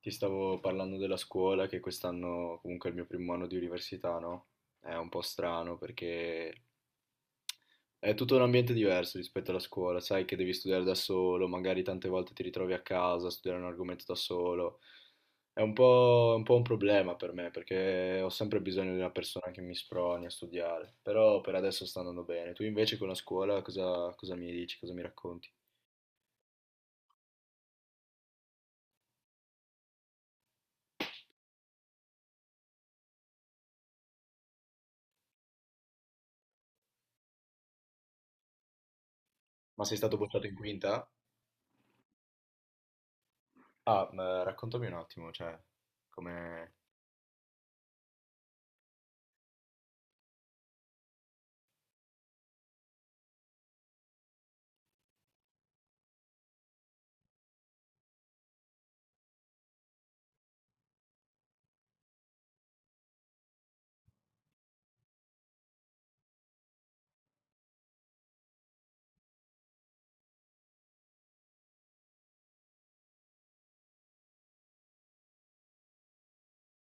Ti stavo parlando della scuola, che quest'anno comunque è il mio primo anno di università, no? È un po' strano perché è tutto un ambiente diverso rispetto alla scuola, sai che devi studiare da solo, magari tante volte ti ritrovi a casa a studiare un argomento da solo. È un po' un problema per me perché ho sempre bisogno di una persona che mi sproni a studiare, però per adesso sta andando bene. Tu invece con la scuola cosa mi dici, cosa mi racconti? Ma sei stato bocciato in quinta? Ah, ma raccontami un attimo, cioè, come...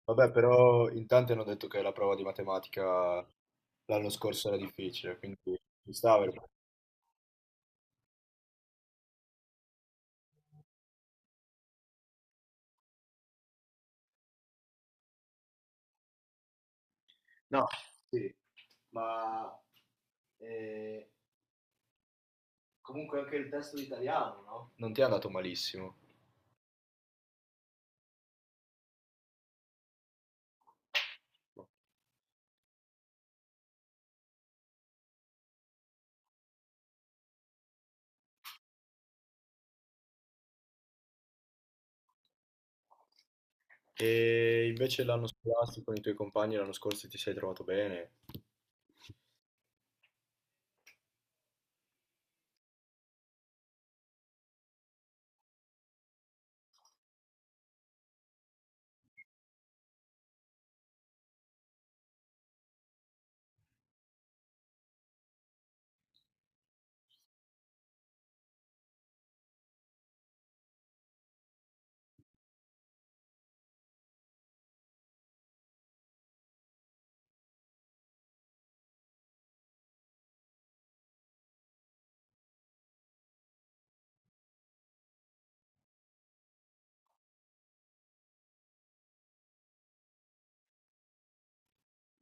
Vabbè, però in tanti hanno detto che la prova di matematica l'anno scorso era difficile, quindi ci sta aver- No, sì, ma eh, comunque anche il testo di italiano, no? Non ti è andato malissimo. E invece l'anno scolastico con i tuoi compagni l'anno scorso ti sei trovato bene?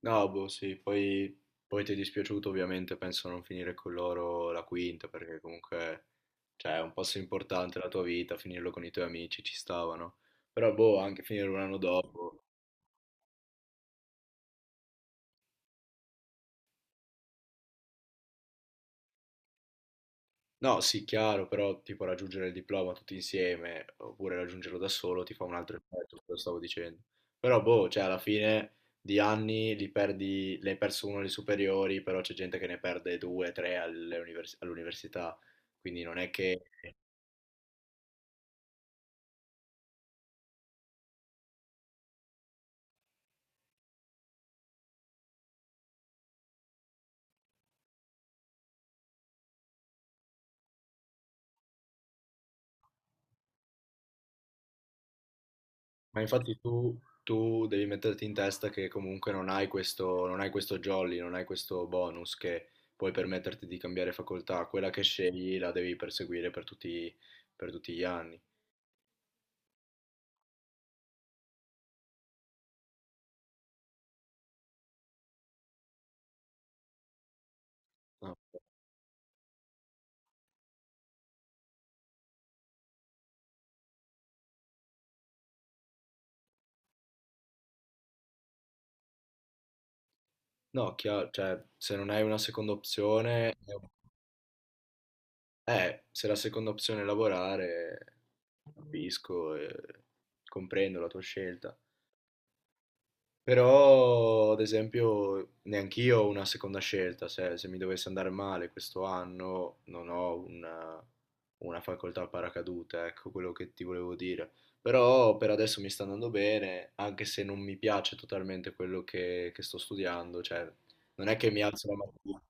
No, boh, sì, poi ti è dispiaciuto ovviamente, penso non finire con loro la quinta, perché comunque, cioè, è un passo importante della tua vita, finirlo con i tuoi amici ci stavano. Però, boh, anche finire un anno dopo. No, sì, chiaro, però tipo raggiungere il diploma tutti insieme, oppure raggiungerlo da solo, ti fa un altro effetto, quello stavo dicendo. Però, boh, cioè, alla fine di anni li perdi, ne hai perso uno alle superiori, però c'è gente che ne perde due, tre all'università, quindi non è che... Ma infatti tu devi metterti in testa che comunque non hai questo, non hai questo jolly, non hai questo bonus che puoi permetterti di cambiare facoltà. Quella che scegli la devi perseguire per tutti gli anni. No, No, chiaro, cioè, se non hai una seconda opzione, se la seconda opzione è lavorare, capisco e comprendo la tua scelta. Però, ad esempio, neanch'io ho una seconda scelta, se mi dovesse andare male questo anno non ho una facoltà a paracadute, ecco quello che ti volevo dire. Però per adesso mi sta andando bene, anche se non mi piace totalmente quello che sto studiando, cioè non è che mi alzo la mattina.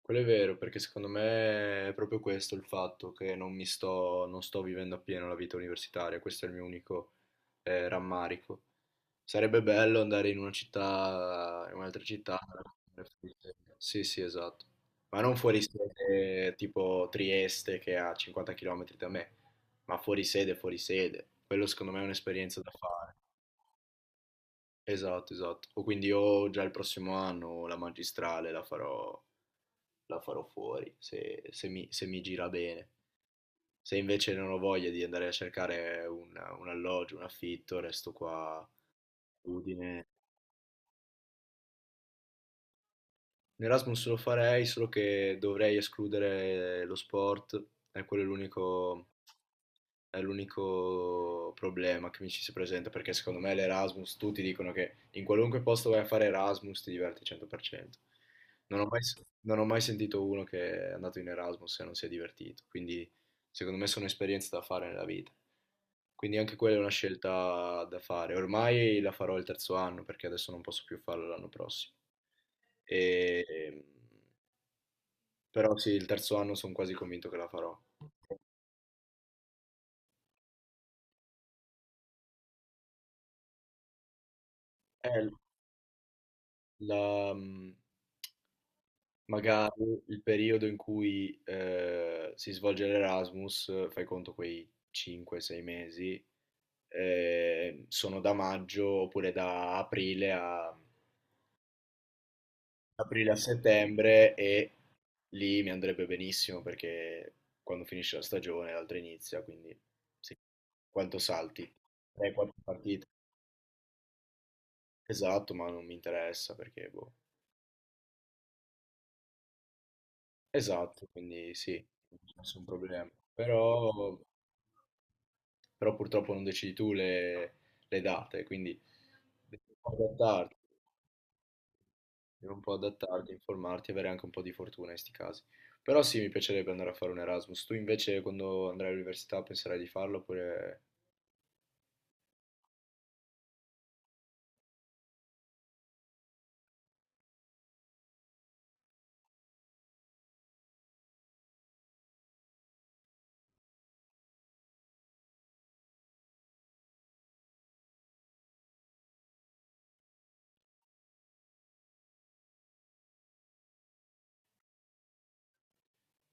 Quello è vero, perché secondo me è proprio questo il fatto che non sto vivendo appieno la vita universitaria, questo è il mio unico rammarico. Sarebbe bello andare in una città, in un'altra città. Sì, sì, esatto. Ma non fuori sede tipo Trieste che è a 50 km da me, ma fuori sede, fuori sede. Quello secondo me è un'esperienza da fare. Esatto, esatto. O quindi o già il prossimo anno la magistrale la farò fuori, se mi gira bene. Se invece non ho voglia di andare a cercare un alloggio, un affitto, resto qua a Udine. L'Erasmus lo farei, solo che dovrei escludere lo sport, e quello è l'unico problema che mi ci si presenta perché secondo me l'Erasmus, tutti dicono che in qualunque posto vai a fare Erasmus ti diverti 100%. Non ho mai, non ho mai sentito uno che è andato in Erasmus e non si è divertito, quindi secondo me sono esperienze da fare nella vita. Quindi anche quella è una scelta da fare. Ormai la farò il terzo anno perché adesso non posso più farlo l'anno prossimo. E- Però sì, il terzo anno sono quasi convinto che la farò. Eh, la- mhmm, Magari il periodo in cui si svolge l'Erasmus, fai conto quei 5-6 mesi, sono da maggio oppure aprile a settembre, e lì mi andrebbe benissimo perché quando finisce la stagione l'altra inizia, quindi sì, quanto salti? 3-4 partite. Esatto, ma non mi interessa perché, boh. Esatto, quindi sì, non c'è nessun problema. Però purtroppo non decidi tu le date, quindi devi un po' adattarti, devi un po' adattarti, informarti e avere anche un po' di fortuna in questi casi. Però sì, mi piacerebbe andare a fare un Erasmus. Tu invece quando andrai all'università penserai di farlo oppure...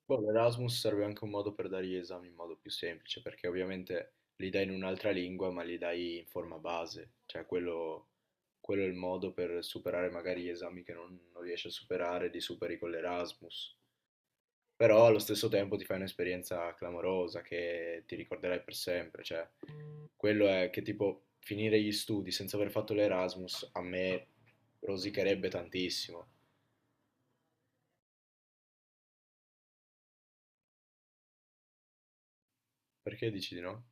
Boh, l'Erasmus serve anche un modo per dare gli esami in modo più semplice, perché ovviamente li dai in un'altra lingua, ma li dai in forma base, cioè quello è il modo per superare magari gli esami che non riesci a superare, li superi con l'Erasmus. Però allo stesso tempo ti fai un'esperienza clamorosa che ti ricorderai per sempre, cioè quello è che tipo finire gli studi senza aver fatto l'Erasmus a me rosicherebbe tantissimo. Perché dici di no?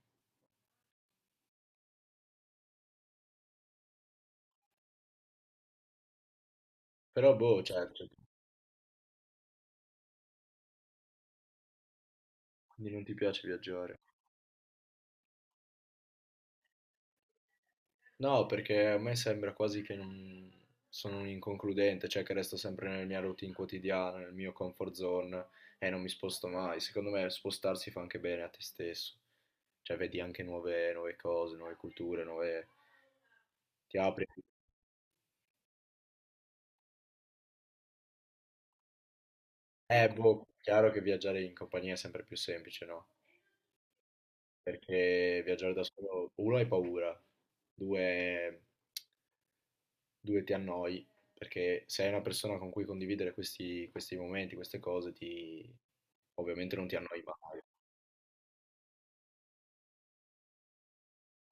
Però boh, certo, quindi non ti piace viaggiare. No, perché a me sembra quasi che non- sono un inconcludente, cioè che resto sempre nella mia routine quotidiana, nel mio comfort zone e non mi sposto mai. Secondo me spostarsi fa anche bene a te stesso, cioè vedi anche nuove cose, nuove culture, nuove... ti apri. Boh, chiaro che viaggiare in compagnia è sempre più semplice, no? Perché viaggiare da solo, uno hai paura, due ti annoi, perché se hai una persona con cui condividere questi momenti, queste cose, ti, ovviamente non ti annoi mai.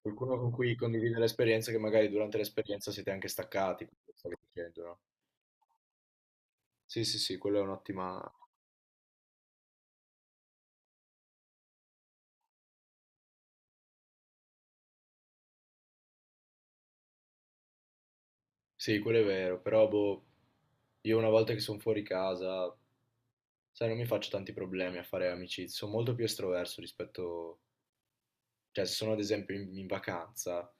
Qualcuno con cui condividere l'esperienza che magari durante l'esperienza siete anche staccati, quello che stavi dicendo, no? Sì, sì, sì, quello è un'ottima... Sì, quello è vero, però boh, io una volta che sono fuori casa, sai, non mi faccio tanti problemi a fare amicizie, sono molto più estroverso rispetto... Cioè, se sono ad esempio in vacanza,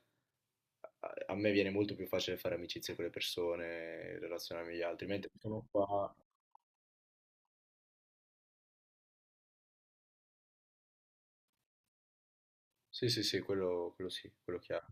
a me viene molto più facile fare amicizie con le persone, relazionarmi agli altri, mentre sono qua... Sì, sì, sì, quello sì, quello chiaro.